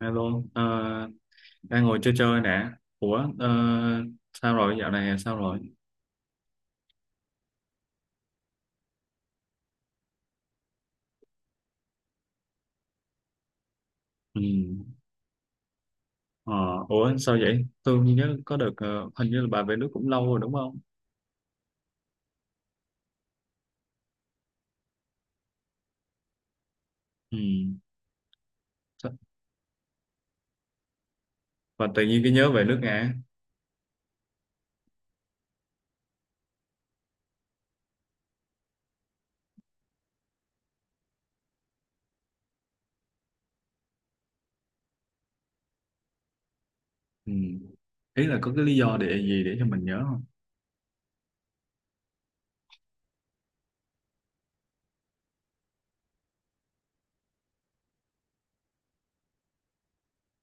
Alo, ờ, đang ngồi chơi chơi nè. Ủa, sao rồi, dạo này sao rồi? Ừ. Ờ, ủa, sao vậy? Tôi nhớ có được, hình như là bà về nước cũng lâu rồi đúng không? Ừ. Sao- Và tự nhiên cái nhớ về nước Nga. Ừ. Ý là có cái lý do để gì để cho mình nhớ không?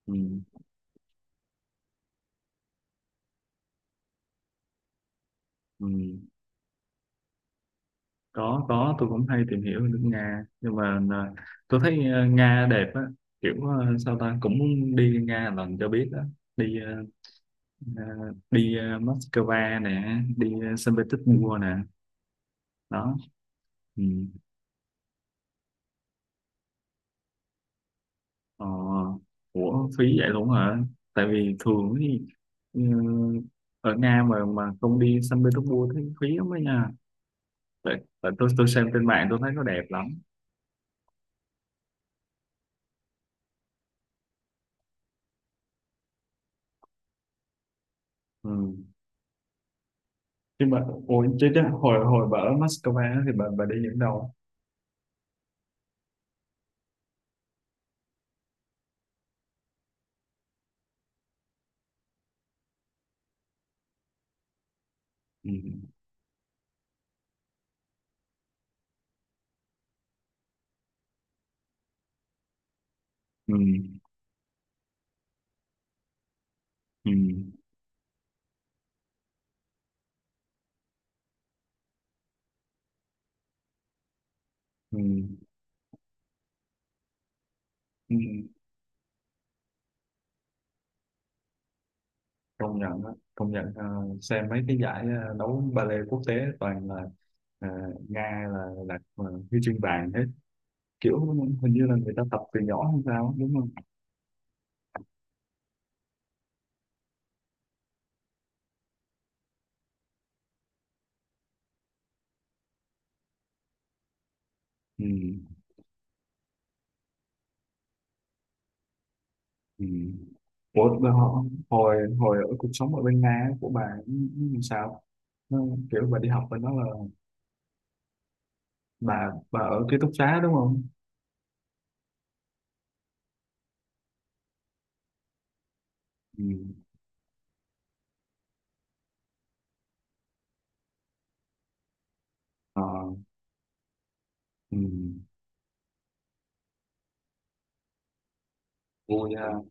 Ừ. Ừ. Có, tôi cũng hay tìm hiểu về nước Nga. Nhưng mà tôi thấy Nga đẹp á. Kiểu sao ta, cũng muốn đi Nga lần cho biết á. Đi Ờ, đi Moscow nè, đi Saint Petersburg nè, đó, ừ. ờ, Ủa phí vậy luôn hả? Tại vì thường thì ừ, ở Nga mà không đi Saint Petersburg thì phí lắm đó nha. Tại tôi xem trên mạng tôi thấy nó đẹp lắm. Ừ. Nhưng mà ủa, chứ hồi hồi bà ở Moscow á thì bà đi những đâu? Ừ. Ừ. Ừ. Ừ. Ừ. Công nhận á, công nhận, xem mấy cái giải đấu ballet quốc tế toàn là, ờ, Nga là huy chương vàng hết, kiểu hình như là người ta tập từ nhỏ hay sao á, đúng không? Ừ. Ừ. Ủa, mà hồi hồi ở cuộc sống ở bên Nga á, của bà làm sao? Nó, kiểu bà đi học bên đó là bà ở ký túc xá đúng không? Ừ. Ờ, ừ. Vui ha.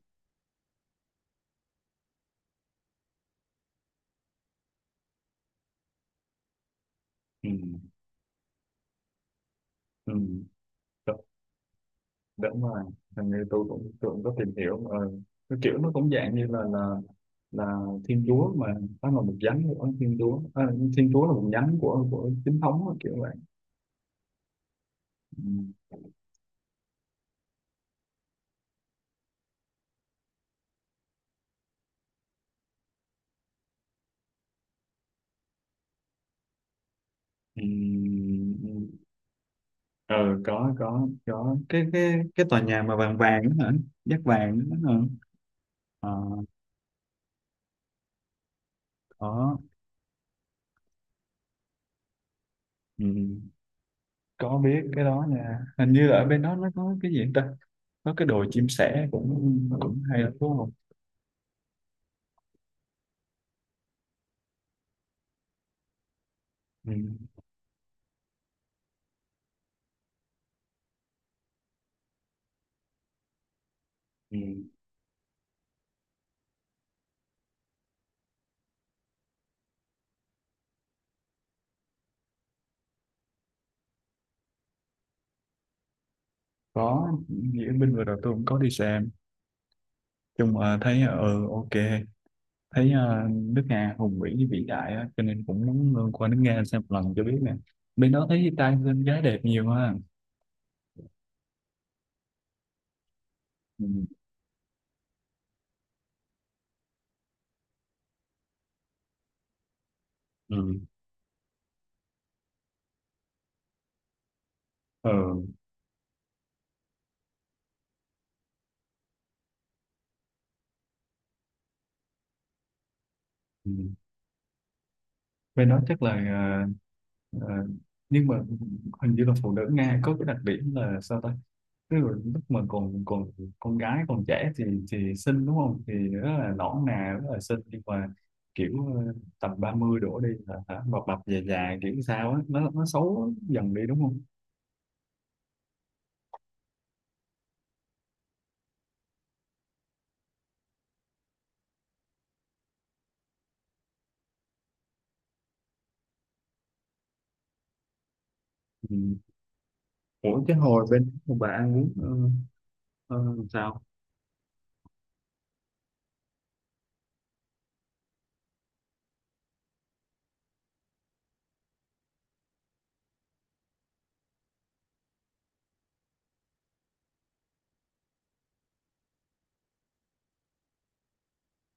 Ừ. Ừ. Đúng rồi, hình như tôi cũng có tìm hiểu cái kiểu nó cũng dạng như là thiên chúa mà, nó là một nhánh của thiên chúa, à, thiên chúa là một nhánh của chính thống á, kiểu vậy. Ừ. Ừ. ừ, có cái tòa nhà mà vàng vàng đó hả? Dát vàng đó hả? Ờ, có, ừ. Có biết cái đó nha, hình như là ở bên đó nó có cái gì ta, có cái đồi chim sẻ cũng cũng hay lắm đúng không? Ừ. Ừ. Có, nghĩa binh vừa rồi tôi cũng có đi xem. Chung mà thấy, ok, thấy nước Nga hùng vĩ với vĩ đại á, cho nên cũng muốn qua nước Nga xem một lần cho biết nè. Bên đó thấy trai bên gái đẹp nhiều ha? Ừ. Ừ. Ừ. Ừ. Bên đó chắc là, ờ, ờ, nhưng mà hình như là phụ nữ Nga có cái đặc điểm là sao ta. Tức là lúc mà còn còn con gái còn trẻ thì xinh đúng không, thì rất là nõn nà rất là xinh, nhưng mà kiểu tầm 30 đổ đi là hả, bập bập già già kiểu sao á, nó xấu dần đi đúng không? Ừ. Ủa cái hồi bên bà ăn uống, làm sao?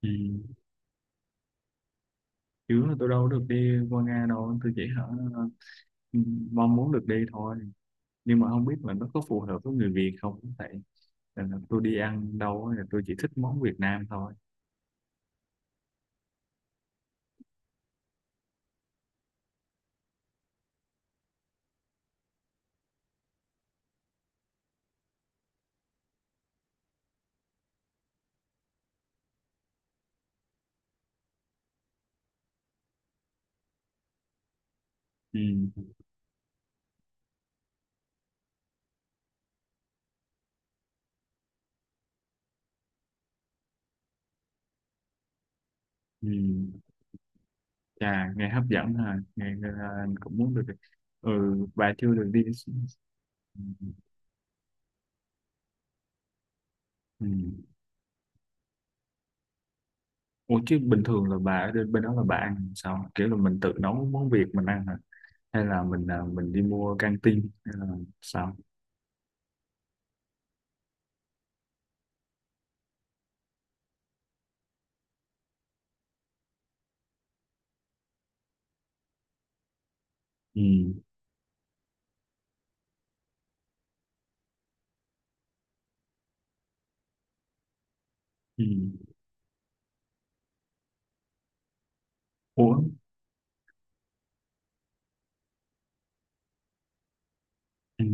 Ừ. Chứ là tôi đâu được đi qua Nga đâu, tôi chỉ hả, ừ, mong muốn được đi thôi. Nhưng mà không biết là nó có phù hợp với người Việt không vậy. Nên là tôi đi ăn đâu á, thì tôi chỉ thích món Việt Nam thôi. Ừ. Ừ. Chà, nghe hấp dẫn ha, nghe là anh cũng muốn được. Ừ, bà chưa được đi. Ừ. Ừ. Ủa chứ bình thường là bà ở bên bên đó là bà ăn sao? Kiểu là mình tự nấu món Việt mình ăn hả? Hay là mình đi mua căng tin hay là sao? Ừ. Ừ. Ủa? Ừ.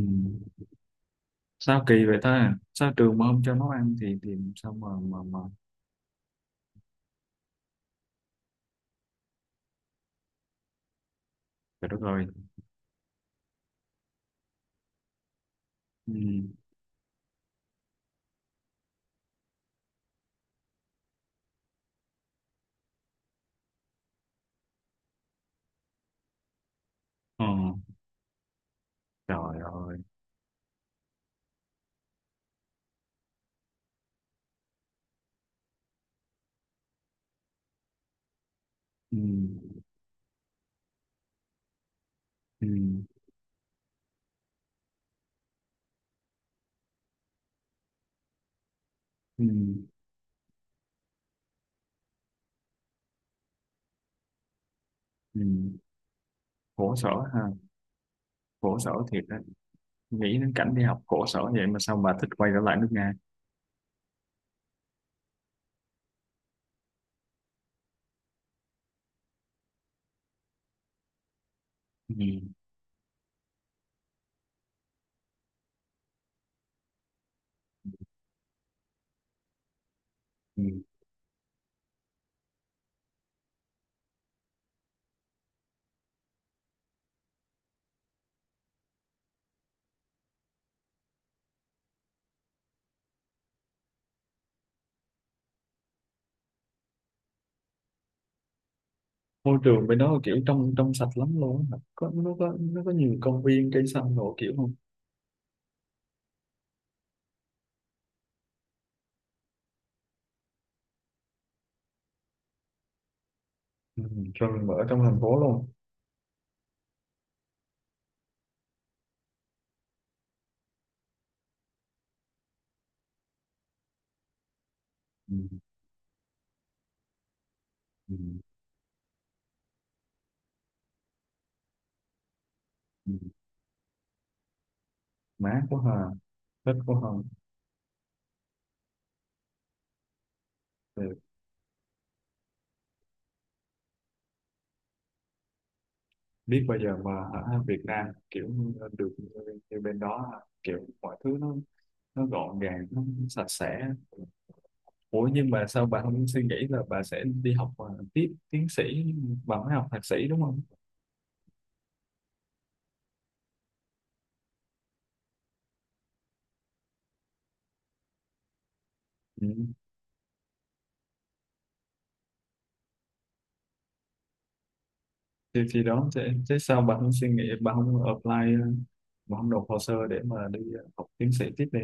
Sao kỳ vậy ta? Sao trường mà không cho nấu ăn thì sao mà trời đất ơi. Ừ. Ờ. Trời ơi. Ừ. Ừ. Ừ. Ừ. Khổ sở ha, khổ sở thiệt đó. Nghĩ đến cảnh đi học khổ sở vậy mà sao bà thích quay trở lại nước Nga? Ừ. Ừ. Môi trường bên đó kiểu trong trong sạch lắm luôn á. Có nó có nhiều công viên cây xanh đồ kiểu không? Ừ. Rồi mà ở trong thành phố luôn. Ừ. Ừ. Ừ. Má của Hà, thích của Hồng. Thì biết bây giờ mà ở Việt Nam kiểu như được như bên đó ha, kiểu mọi thứ nó gọn gàng, nó sạch sẽ. Ủa nhưng mà sao bà không suy nghĩ là bà sẽ đi học, tiếp tiến sĩ. Bà mới học thạc sĩ đúng không? Ừ. Thì đó, thế sao bạn không suy nghĩ, bạn không apply, bạn không nộp hồ sơ để mà đi học tiến sĩ tiếp đi.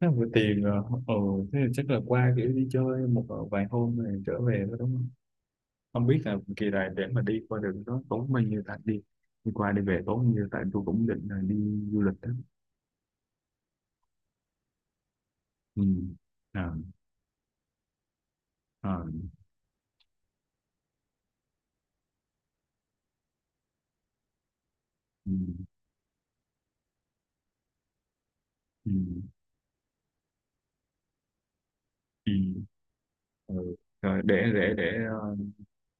Thế vừa tiền, ừ. Thế thì chắc là qua kiểu đi chơi một, vài hôm rồi trở về thôi đúng không? Không biết là kỳ này để mà đi qua đường đó tốn bao nhiêu, tại đi đi qua đi về tốn bao nhiêu, tại tôi cũng định là đi du lịch đó. Ừ. À. À. Ừ. Ừ. Ừ. Ừ. Rồi để ờ,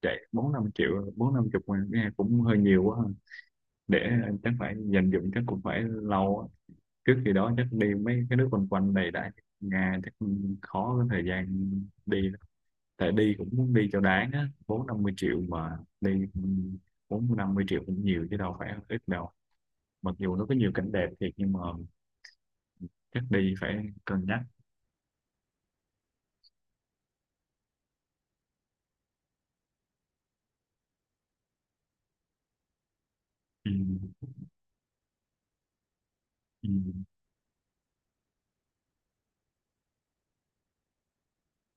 chạy 4, 5 triệu 40, 50 ngàn nghe cũng hơi nhiều quá. Để chắc phải dành dụm chắc cũng phải lâu á. Trước khi đó chắc đi mấy cái nước quanh quanh này đã. Nga chắc khó có thời gian đi lắm. Tại đi cũng muốn đi cho đáng á, 40, 50 triệu mà đi. Bốn năm mươi triệu cũng nhiều chứ đâu phải ít đâu. Mặc dù nó có nhiều cảnh đẹp thiệt nhưng mà chắc đi phải cân nhắc. Ừ. Ừ.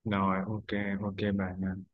Rồi, ok ok bạn.